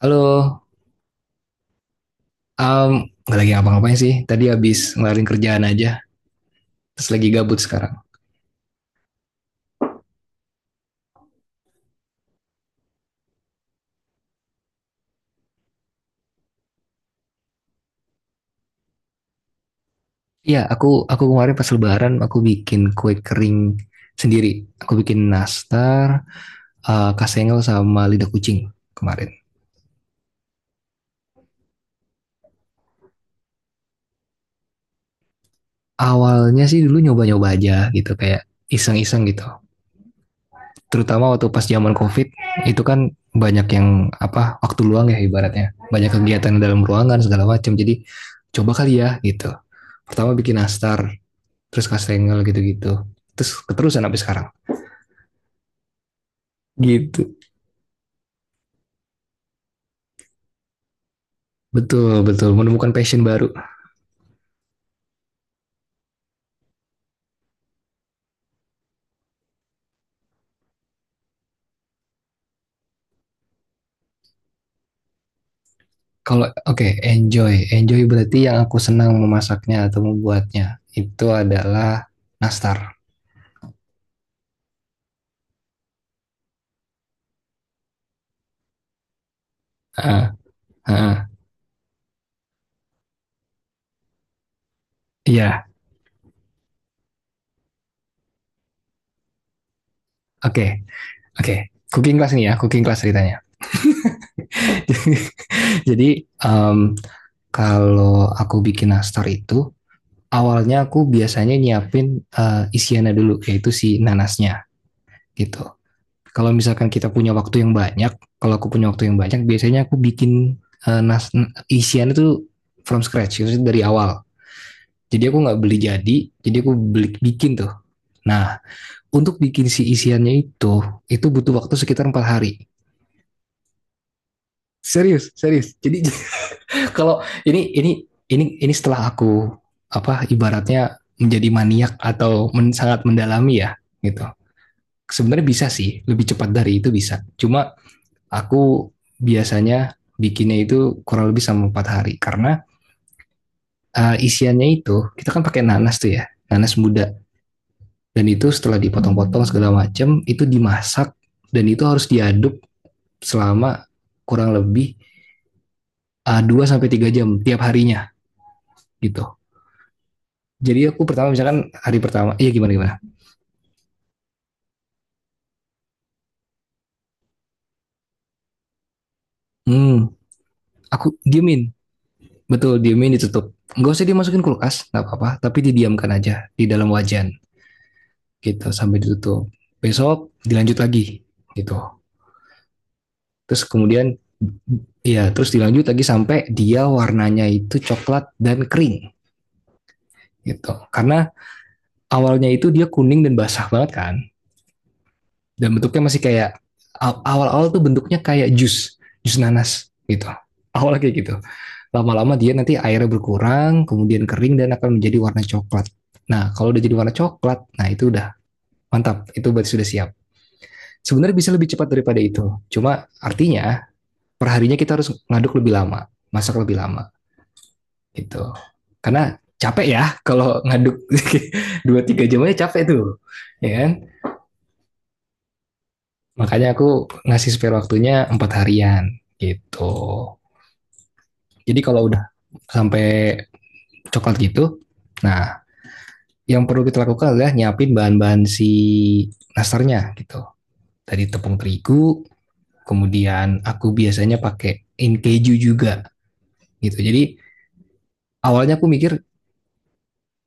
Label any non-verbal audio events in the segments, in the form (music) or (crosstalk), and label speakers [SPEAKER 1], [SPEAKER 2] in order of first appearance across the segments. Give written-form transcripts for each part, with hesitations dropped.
[SPEAKER 1] Halo, um, nggak lagi ngapa-ngapain sih. Tadi habis ngelarin kerjaan aja, terus lagi gabut sekarang. Iya, aku kemarin pas Lebaran aku bikin kue kering sendiri. Aku bikin nastar, eh, kasengel sama lidah kucing kemarin. Awalnya sih dulu nyoba-nyoba aja gitu, kayak iseng-iseng gitu. Terutama waktu pas zaman COVID itu kan banyak yang apa waktu luang ya ibaratnya, banyak kegiatan dalam ruangan segala macam. Jadi coba kali ya gitu. Pertama bikin nastar, terus Kastengel gitu-gitu. Terus keterusan sampai sekarang. Gitu. Betul, betul. Menemukan passion baru. Kalau, oke, okay, enjoy. Enjoy berarti yang aku senang memasaknya atau membuatnya. Itu adalah nastar. Heeh, heeh. Iya, yeah. Oke, okay, oke. Okay. Cooking class nih ya, cooking class ceritanya. (laughs) Jadi, em, kalau aku bikin nastar itu, awalnya aku biasanya nyiapin isiannya dulu, yaitu si nanasnya gitu. Kalau misalkan kita punya waktu yang banyak, kalau aku punya waktu yang banyak, biasanya aku bikin eh, nas isian itu from scratch, maksudnya dari awal. Jadi aku nggak beli jadi aku beli bikin tuh. Nah, untuk bikin si isiannya itu butuh waktu sekitar 4 hari. Serius, serius. Jadi (laughs) kalau ini setelah aku apa ibaratnya menjadi maniak atau sangat mendalami ya gitu. Sebenarnya bisa sih, lebih cepat dari itu bisa. Cuma aku biasanya bikinnya itu kurang lebih sama empat hari karena isiannya itu kita kan pakai nanas tuh ya nanas muda dan itu setelah dipotong-potong segala macam itu dimasak dan itu harus diaduk selama kurang lebih 2 sampai tiga jam tiap harinya gitu. Jadi aku pertama misalkan hari pertama iya gimana gimana. Hmm. Aku diemin, betul diemin ditutup nggak usah dimasukin kulkas nggak apa-apa tapi didiamkan aja di dalam wajan gitu sampai ditutup. Besok dilanjut lagi gitu. Terus kemudian ya terus dilanjut lagi sampai dia warnanya itu coklat dan kering gitu. Karena awalnya itu dia kuning dan basah banget kan. Dan bentuknya masih kayak awal-awal tuh bentuknya kayak jus, jus nanas gitu. Awalnya kayak gitu. Lama-lama dia nanti airnya berkurang, kemudian kering dan akan menjadi warna coklat. Nah, kalau udah jadi warna coklat, nah itu udah mantap. Itu berarti sudah siap. Sebenarnya bisa lebih cepat daripada itu. Cuma artinya perharinya kita harus ngaduk lebih lama, masak lebih lama gitu. Karena capek ya kalau ngaduk (laughs) dua tiga jam aja capek tuh, ya kan? Makanya aku ngasih spare waktunya 4 harian gitu. Jadi kalau udah sampai coklat gitu, nah yang perlu kita lakukan adalah nyiapin bahan-bahan si nastarnya gitu. Tadi tepung terigu, kemudian aku biasanya pakai in keju juga gitu. Jadi awalnya aku mikir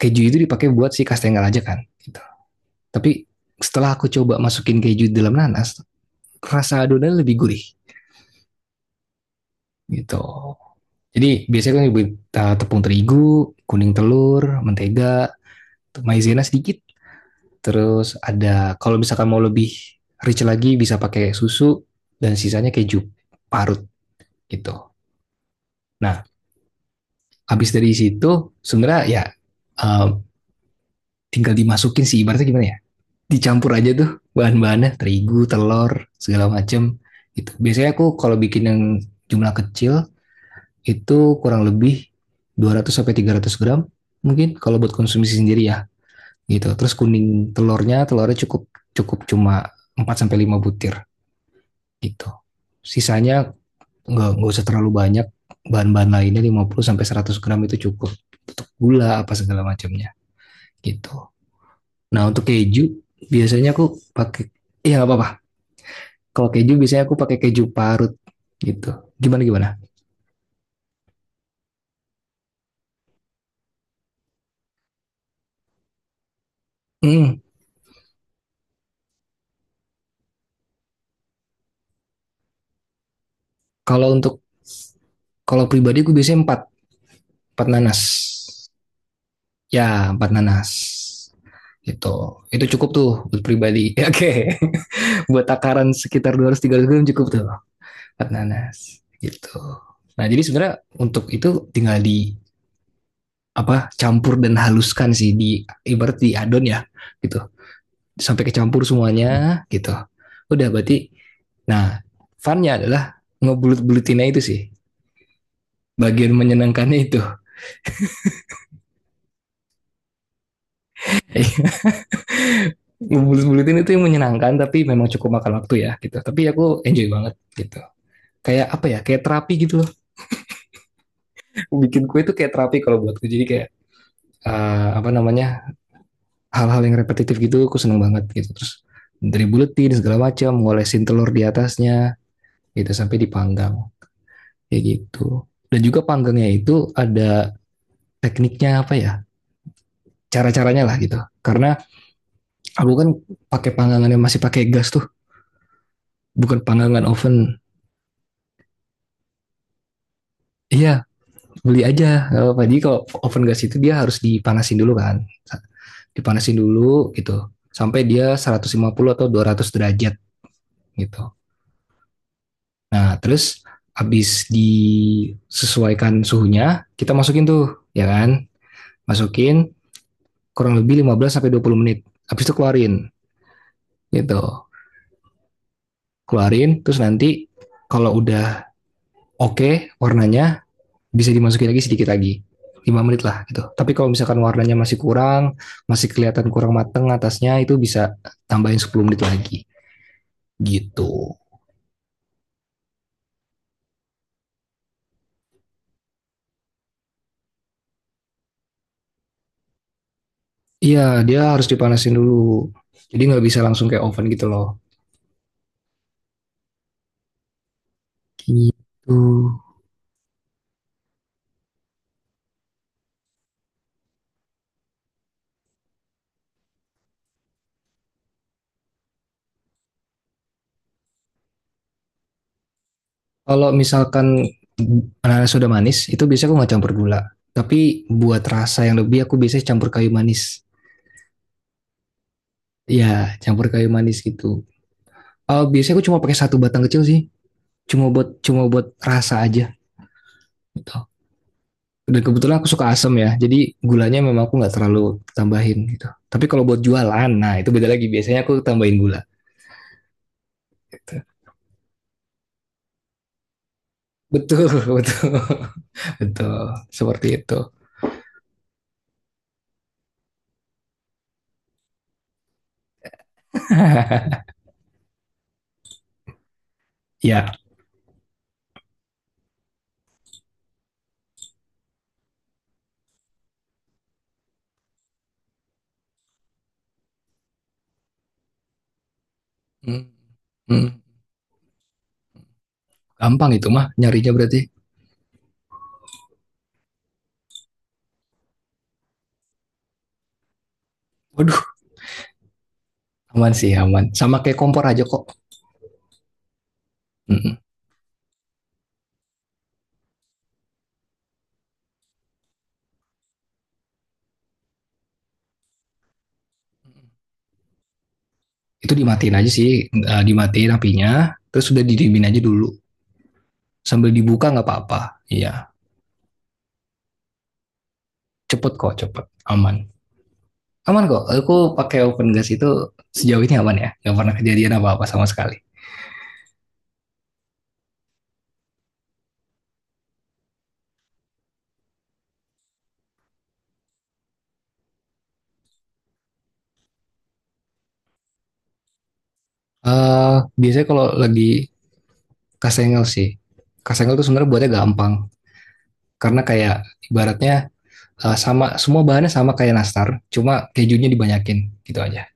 [SPEAKER 1] keju itu dipakai buat si kastengel aja kan gitu. Tapi setelah aku coba masukin keju dalam nanas rasa adonan lebih gurih gitu. Jadi biasanya kan ibu tepung terigu kuning telur mentega maizena sedikit terus ada kalau misalkan mau lebih rich lagi bisa pakai susu dan sisanya keju parut gitu. Nah habis dari situ sebenarnya ya, uh, tinggal dimasukin sih ibaratnya gimana ya dicampur aja tuh bahan-bahannya terigu telur segala macem gitu. Biasanya aku kalau bikin yang jumlah kecil itu kurang lebih 200 sampai 300 gram mungkin kalau buat konsumsi sendiri ya gitu. Terus kuning telurnya telurnya cukup cukup cuma 4 sampai 5 butir gitu. Sisanya nggak usah terlalu banyak. Bahan-bahan lainnya 50 sampai 100 gram itu cukup untuk gula apa segala macamnya gitu. Nah untuk keju biasanya aku pakai. Iya nggak apa-apa. Kalau keju biasanya aku pakai keju parut gitu. Gimana gimana? Hmm. Kalau untuk kalau pribadi aku biasanya empat empat nanas. Ya empat nanas. Gitu. Itu cukup tuh buat pribadi. (laughs) Ya, oke. Okay. (laughs) Buat takaran sekitar 200-300 gram cukup tuh empat nanas. Gitu. Nah jadi sebenarnya untuk itu tinggal di apa campur dan haluskan sih di ibarat di adon ya gitu sampai kecampur semuanya gitu. Udah berarti nah funnya adalah ngebulut-bulutinnya itu sih bagian menyenangkannya itu. (laughs) Ngebulut-bulutin itu yang menyenangkan tapi memang cukup makan waktu ya gitu tapi aku enjoy banget gitu kayak apa ya kayak terapi gitu loh. Bikin kue itu kayak terapi kalau buatku jadi kayak apa namanya hal-hal yang repetitif gitu aku seneng banget gitu. Terus dari buletin segala macam ngolesin telur di atasnya gitu sampai dipanggang kayak gitu. Dan juga panggangnya itu ada tekniknya apa ya cara-caranya lah gitu karena aku kan pakai panggangan yang masih pakai gas tuh bukan panggangan oven. Iya beli aja nggak apa-apa jadi kalau oven gas itu dia harus dipanasin dulu kan dipanasin dulu gitu sampai dia 150 atau 200 derajat gitu. Nah terus habis disesuaikan suhunya kita masukin tuh ya kan masukin kurang lebih 15 sampai 20 menit habis itu keluarin gitu. Keluarin terus nanti kalau udah oke warnanya bisa dimasukin lagi sedikit lagi 5 menit lah gitu tapi kalau misalkan warnanya masih kurang masih kelihatan kurang mateng atasnya itu bisa tambahin 10 menit lagi gitu. Iya dia harus dipanasin dulu jadi nggak bisa langsung kayak oven gitu loh gitu. Kalau misalkan ananas sudah manis itu biasanya aku nggak campur gula tapi buat rasa yang lebih aku biasanya campur kayu manis ya campur kayu manis gitu. Eh biasanya aku cuma pakai satu batang kecil sih cuma buat rasa aja gitu. Dan kebetulan aku suka asam ya, jadi gulanya memang aku nggak terlalu tambahin gitu. Tapi kalau buat jualan, nah itu beda lagi. Biasanya aku tambahin gula. Gitu. Betul, (laughs) betul, betul. Seperti itu. (laughs) Ya, Hmm. Hmm. Gampang itu mah nyarinya berarti. Waduh, aman sih aman. Sama kayak kompor aja kok. Mm. Itu dimatiin aja sih, eh, dimatiin apinya. Terus sudah didiemin aja dulu. Sambil dibuka nggak apa-apa. Iya, cepet kok, cepet, aman. Aman kok, aku pakai open gas itu sejauh ini aman ya, nggak pernah kejadian apa-apa sama sekali. Eh biasanya kalau lagi kasengel sih, kasengel tuh sebenarnya buatnya gampang, karena kayak ibaratnya eh, sama semua bahannya sama kayak nastar, cuma kejunya dibanyakin gitu aja.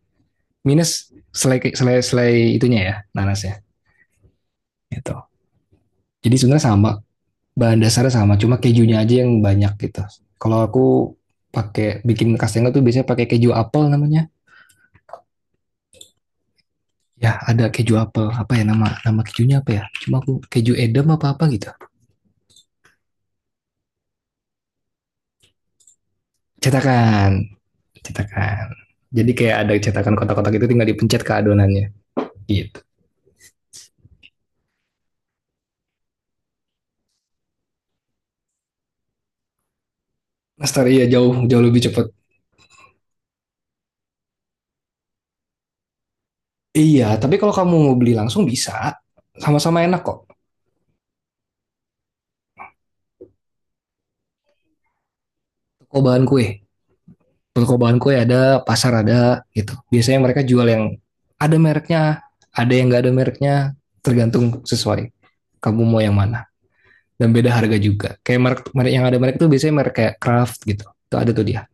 [SPEAKER 1] Minus selai selai selai itunya ya, nanasnya gitu. Jadi sebenarnya sama, bahan dasarnya sama, cuma kejunya aja yang banyak gitu. Kalau aku pakai bikin kastengel tuh biasanya pakai keju apel namanya. Ya, ada keju apel. Apa ya nama nama kejunya apa ya? Cuma aku keju edam apa apa gitu. Cetakan, cetakan. Jadi kayak ada cetakan kotak-kotak itu tinggal dipencet ke adonannya. Gitu. Nastar iya jauh jauh lebih cepet. Iya, tapi kalau kamu mau beli langsung bisa. Sama-sama enak kok. Toko bahan kue. Toko bahan kue ada, pasar ada gitu. Biasanya mereka jual yang ada mereknya, ada yang nggak ada mereknya, tergantung sesuai. Kamu mau yang mana? Dan beda harga juga. Kayak merek, merek yang ada merek tuh biasanya merek kayak Kraft gitu. Itu ada tuh dia.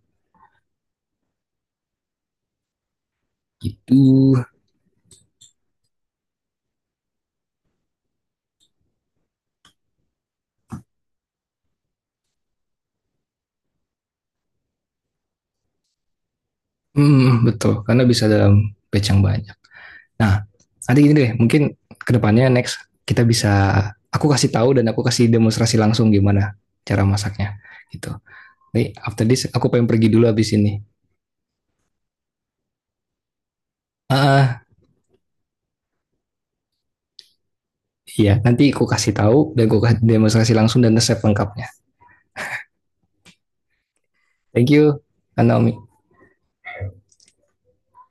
[SPEAKER 1] Gitu. Hmm, betul. Karena bisa dalam batch yang banyak. Nah, nanti gini deh, mungkin kedepannya next kita bisa, aku kasih tahu dan aku kasih demonstrasi langsung gimana cara masaknya gitu. Nih, after this aku pengen pergi dulu habis ini. Ah, ah, iya, nanti aku kasih tahu dan aku kasih demonstrasi langsung dan resep lengkapnya. Thank you, Kak Naomi.